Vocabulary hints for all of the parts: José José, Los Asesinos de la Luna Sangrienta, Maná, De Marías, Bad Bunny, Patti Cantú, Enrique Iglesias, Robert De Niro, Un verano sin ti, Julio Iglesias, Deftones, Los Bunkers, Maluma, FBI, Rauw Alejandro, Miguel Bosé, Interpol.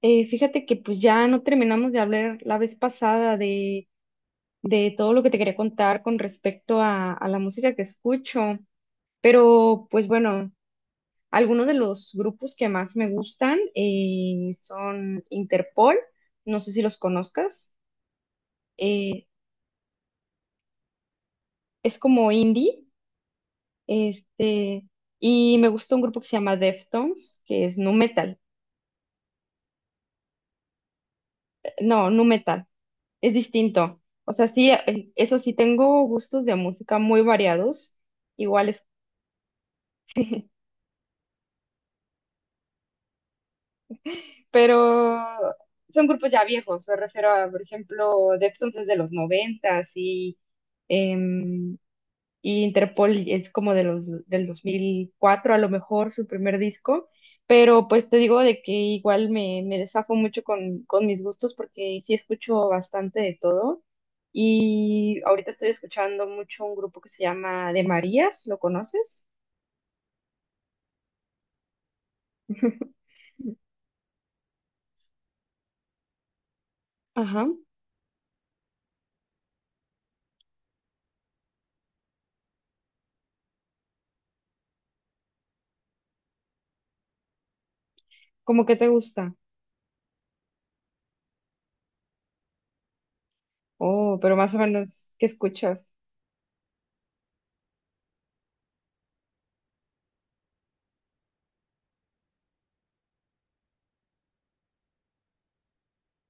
Fíjate que pues ya no terminamos de hablar la vez pasada de todo lo que te quería contar con respecto a la música que escucho, pero pues bueno, algunos de los grupos que más me gustan son Interpol, no sé si los conozcas, eh, es como indie, este, y me gusta un grupo que se llama Deftones, que es nu metal. No, nu metal. Es distinto. O sea, sí, eso sí, tengo gustos de música muy variados, iguales, pero son grupos ya viejos. Me refiero a, por ejemplo, Deftones es de los noventas em, y Interpol es como de los del 2004 a lo mejor su primer disco, pero pues te digo de que igual me desafo mucho con mis gustos porque sí escucho bastante de todo, y ahorita estoy escuchando mucho un grupo que se llama De Marías. ¿Lo conoces? Ajá, ¿cómo que te gusta? Oh, pero más o menos, ¿qué escuchas?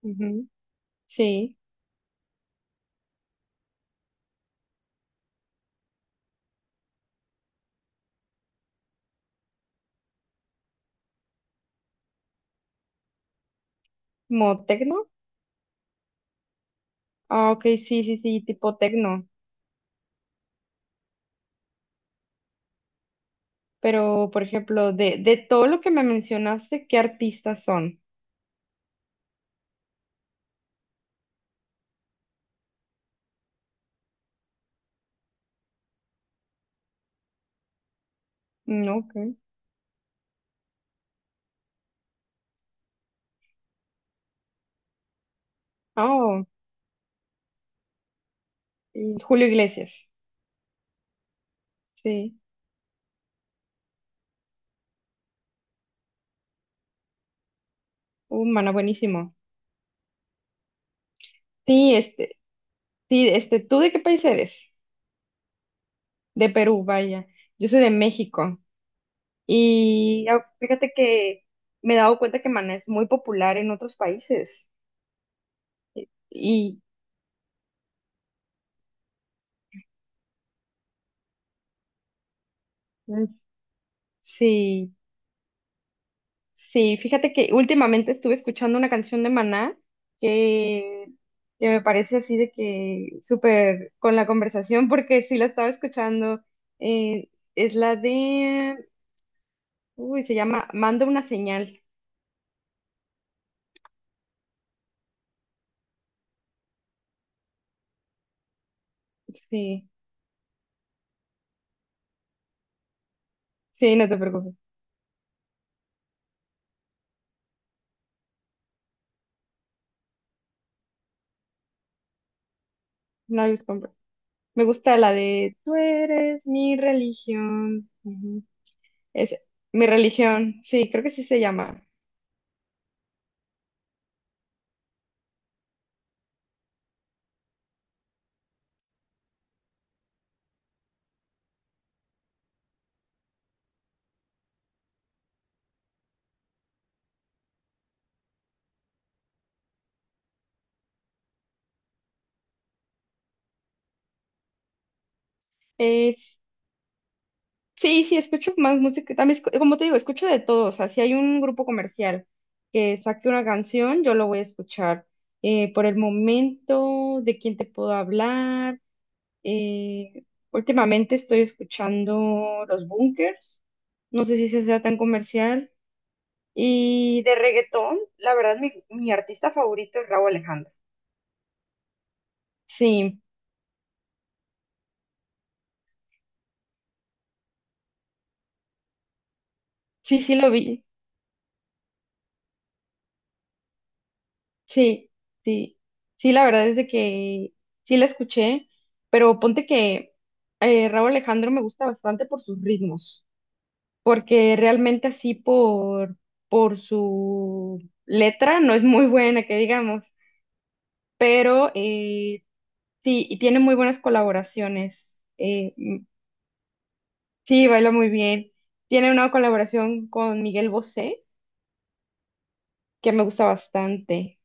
Ujú, sí, como tecno. Ah, ok, sí, sí, sí, tipo tecno. Pero, por ejemplo, de todo lo que me mencionaste, ¿qué artistas son? Mm, ok. Ah, oh, y Julio Iglesias. Sí. Humana, buenísimo. Sí, sí, ¿tú de qué país eres? De Perú, vaya. Yo soy de México. Y fíjate que me he dado cuenta que Maná es muy popular en otros países. Y mm, sí. Sí, fíjate que últimamente estuve escuchando una canción de Maná que, que me parece así de que súper con la conversación, porque sí la estaba escuchando. eh, es la de, uy, se llama Manda una señal. Sí, sí, no te preocupes, no hay compro. Me gusta la de Tú eres mi religión. Ujú. Es mi religión, sí, creo que sí se llama. Sí, sí, escucho más música. También, como te digo, escucho de todo. O sea, si hay un grupo comercial que saque una canción, yo lo voy a escuchar. Por el momento, ¿de quién te puedo hablar? Eh, últimamente estoy escuchando Los Bunkers. No sé si se sea tan comercial. Y de reggaetón, la verdad, mi artista favorito es Rauw Alejandro. Sí, sí, sí lo vi. Sí, sí, sí, la verdad es de que sí la escuché, pero ponte que Raúl Alejandro me gusta bastante por sus ritmos, porque realmente así por su letra no es muy buena, que digamos, pero sí, y tiene muy buenas colaboraciones. Sí, baila muy bien, tiene una colaboración con Miguel Bosé, que me gusta bastante.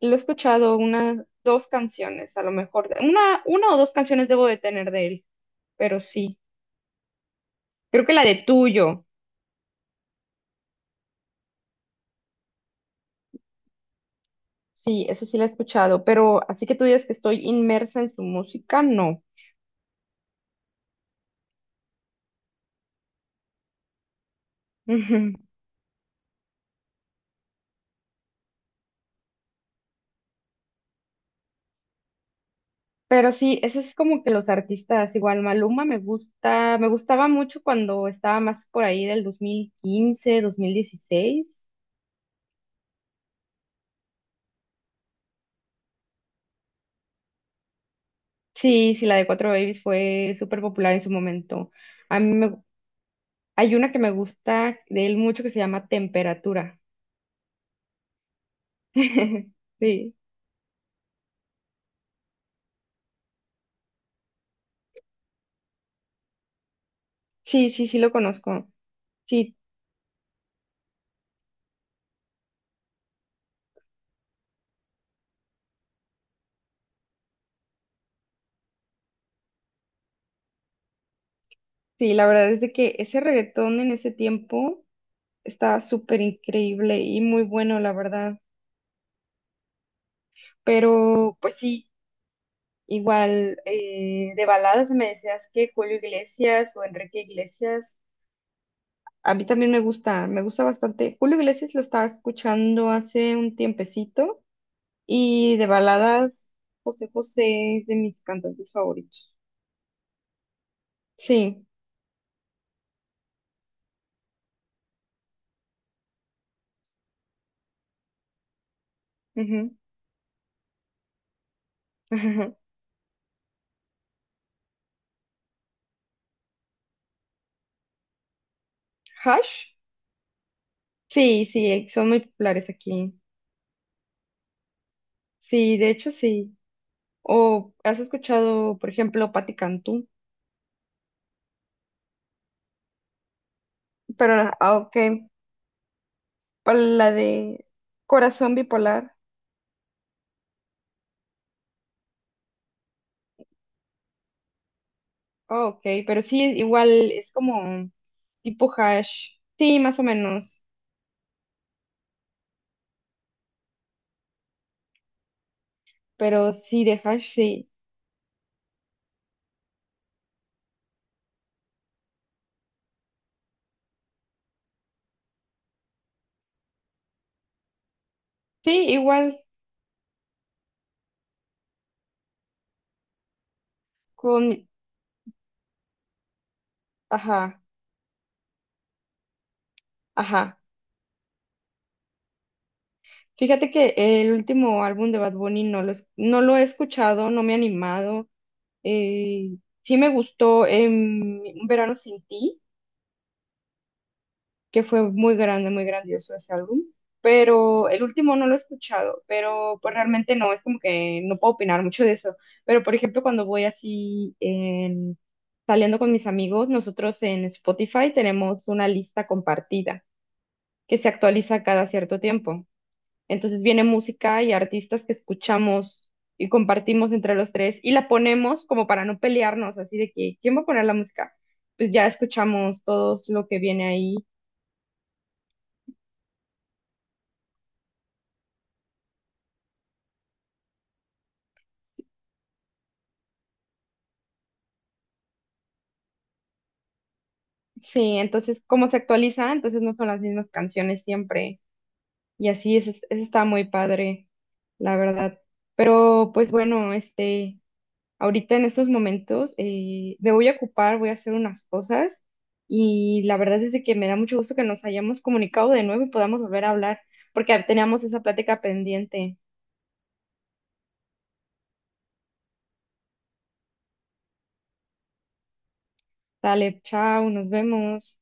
Lo he escuchado unas dos canciones, a lo mejor. Una o dos canciones debo de tener de él, pero sí. Creo que la de Tuyo, sí, esa sí la he escuchado, pero así que tú digas que estoy inmersa en su música, no. Ujú. Pero sí, ese es como que los artistas, igual Maluma me gusta, me gustaba mucho cuando estaba más por ahí del 2015 2016. Sí, sí, la de Cuatro Babies fue súper popular en su momento. A mí me, hay una que me gusta de él mucho que se llama Temperatura. Sí, sí, sí, sí lo conozco. Sí, sí, la verdad es de que ese reggaetón en ese tiempo estaba súper increíble y muy bueno, la verdad. Pero, pues sí, igual de baladas me decías que Julio Iglesias o Enrique Iglesias, a mí también me gusta bastante. Julio Iglesias lo estaba escuchando hace un tiempecito y de baladas, José José es de mis cantantes favoritos. Sí. Ujú. Hash. Sí, sí, son muy populares aquí. Sí, de hecho sí. O has escuchado, por ejemplo, Patti Cantú, pero ah, ah, ok, la de Corazón Bipolar. Ah, ok, pero sí, igual es como tipo hash. Sí, más o menos, pero sí de hash, sí. Sí, igual con, ajá, ajá. Fíjate que el último álbum de Bad Bunny no lo he escuchado, no me he animado. Eh, sí me gustó Un verano sin ti, que fue muy grande, muy grandioso ese álbum, pero el último no lo he escuchado, pero pues realmente no, es como que no puedo opinar mucho de eso. Pero por ejemplo, cuando voy así saliendo con mis amigos, nosotros en Spotify tenemos una lista compartida que se actualiza cada cierto tiempo. Entonces viene música y artistas que escuchamos y compartimos entre los tres y la ponemos como para no pelearnos, así de que, ¿quién va a poner la música? Pues ya escuchamos todos lo que viene ahí. Sí, entonces como se actualiza, entonces no son las mismas canciones siempre. Y así es, eso está muy padre, la verdad. Pero pues bueno, ahorita en estos momentos me voy a ocupar, voy a hacer unas cosas y la verdad es de que me da mucho gusto que nos hayamos comunicado de nuevo y podamos volver a hablar porque teníamos esa plática pendiente. Dale, chao, nos vemos.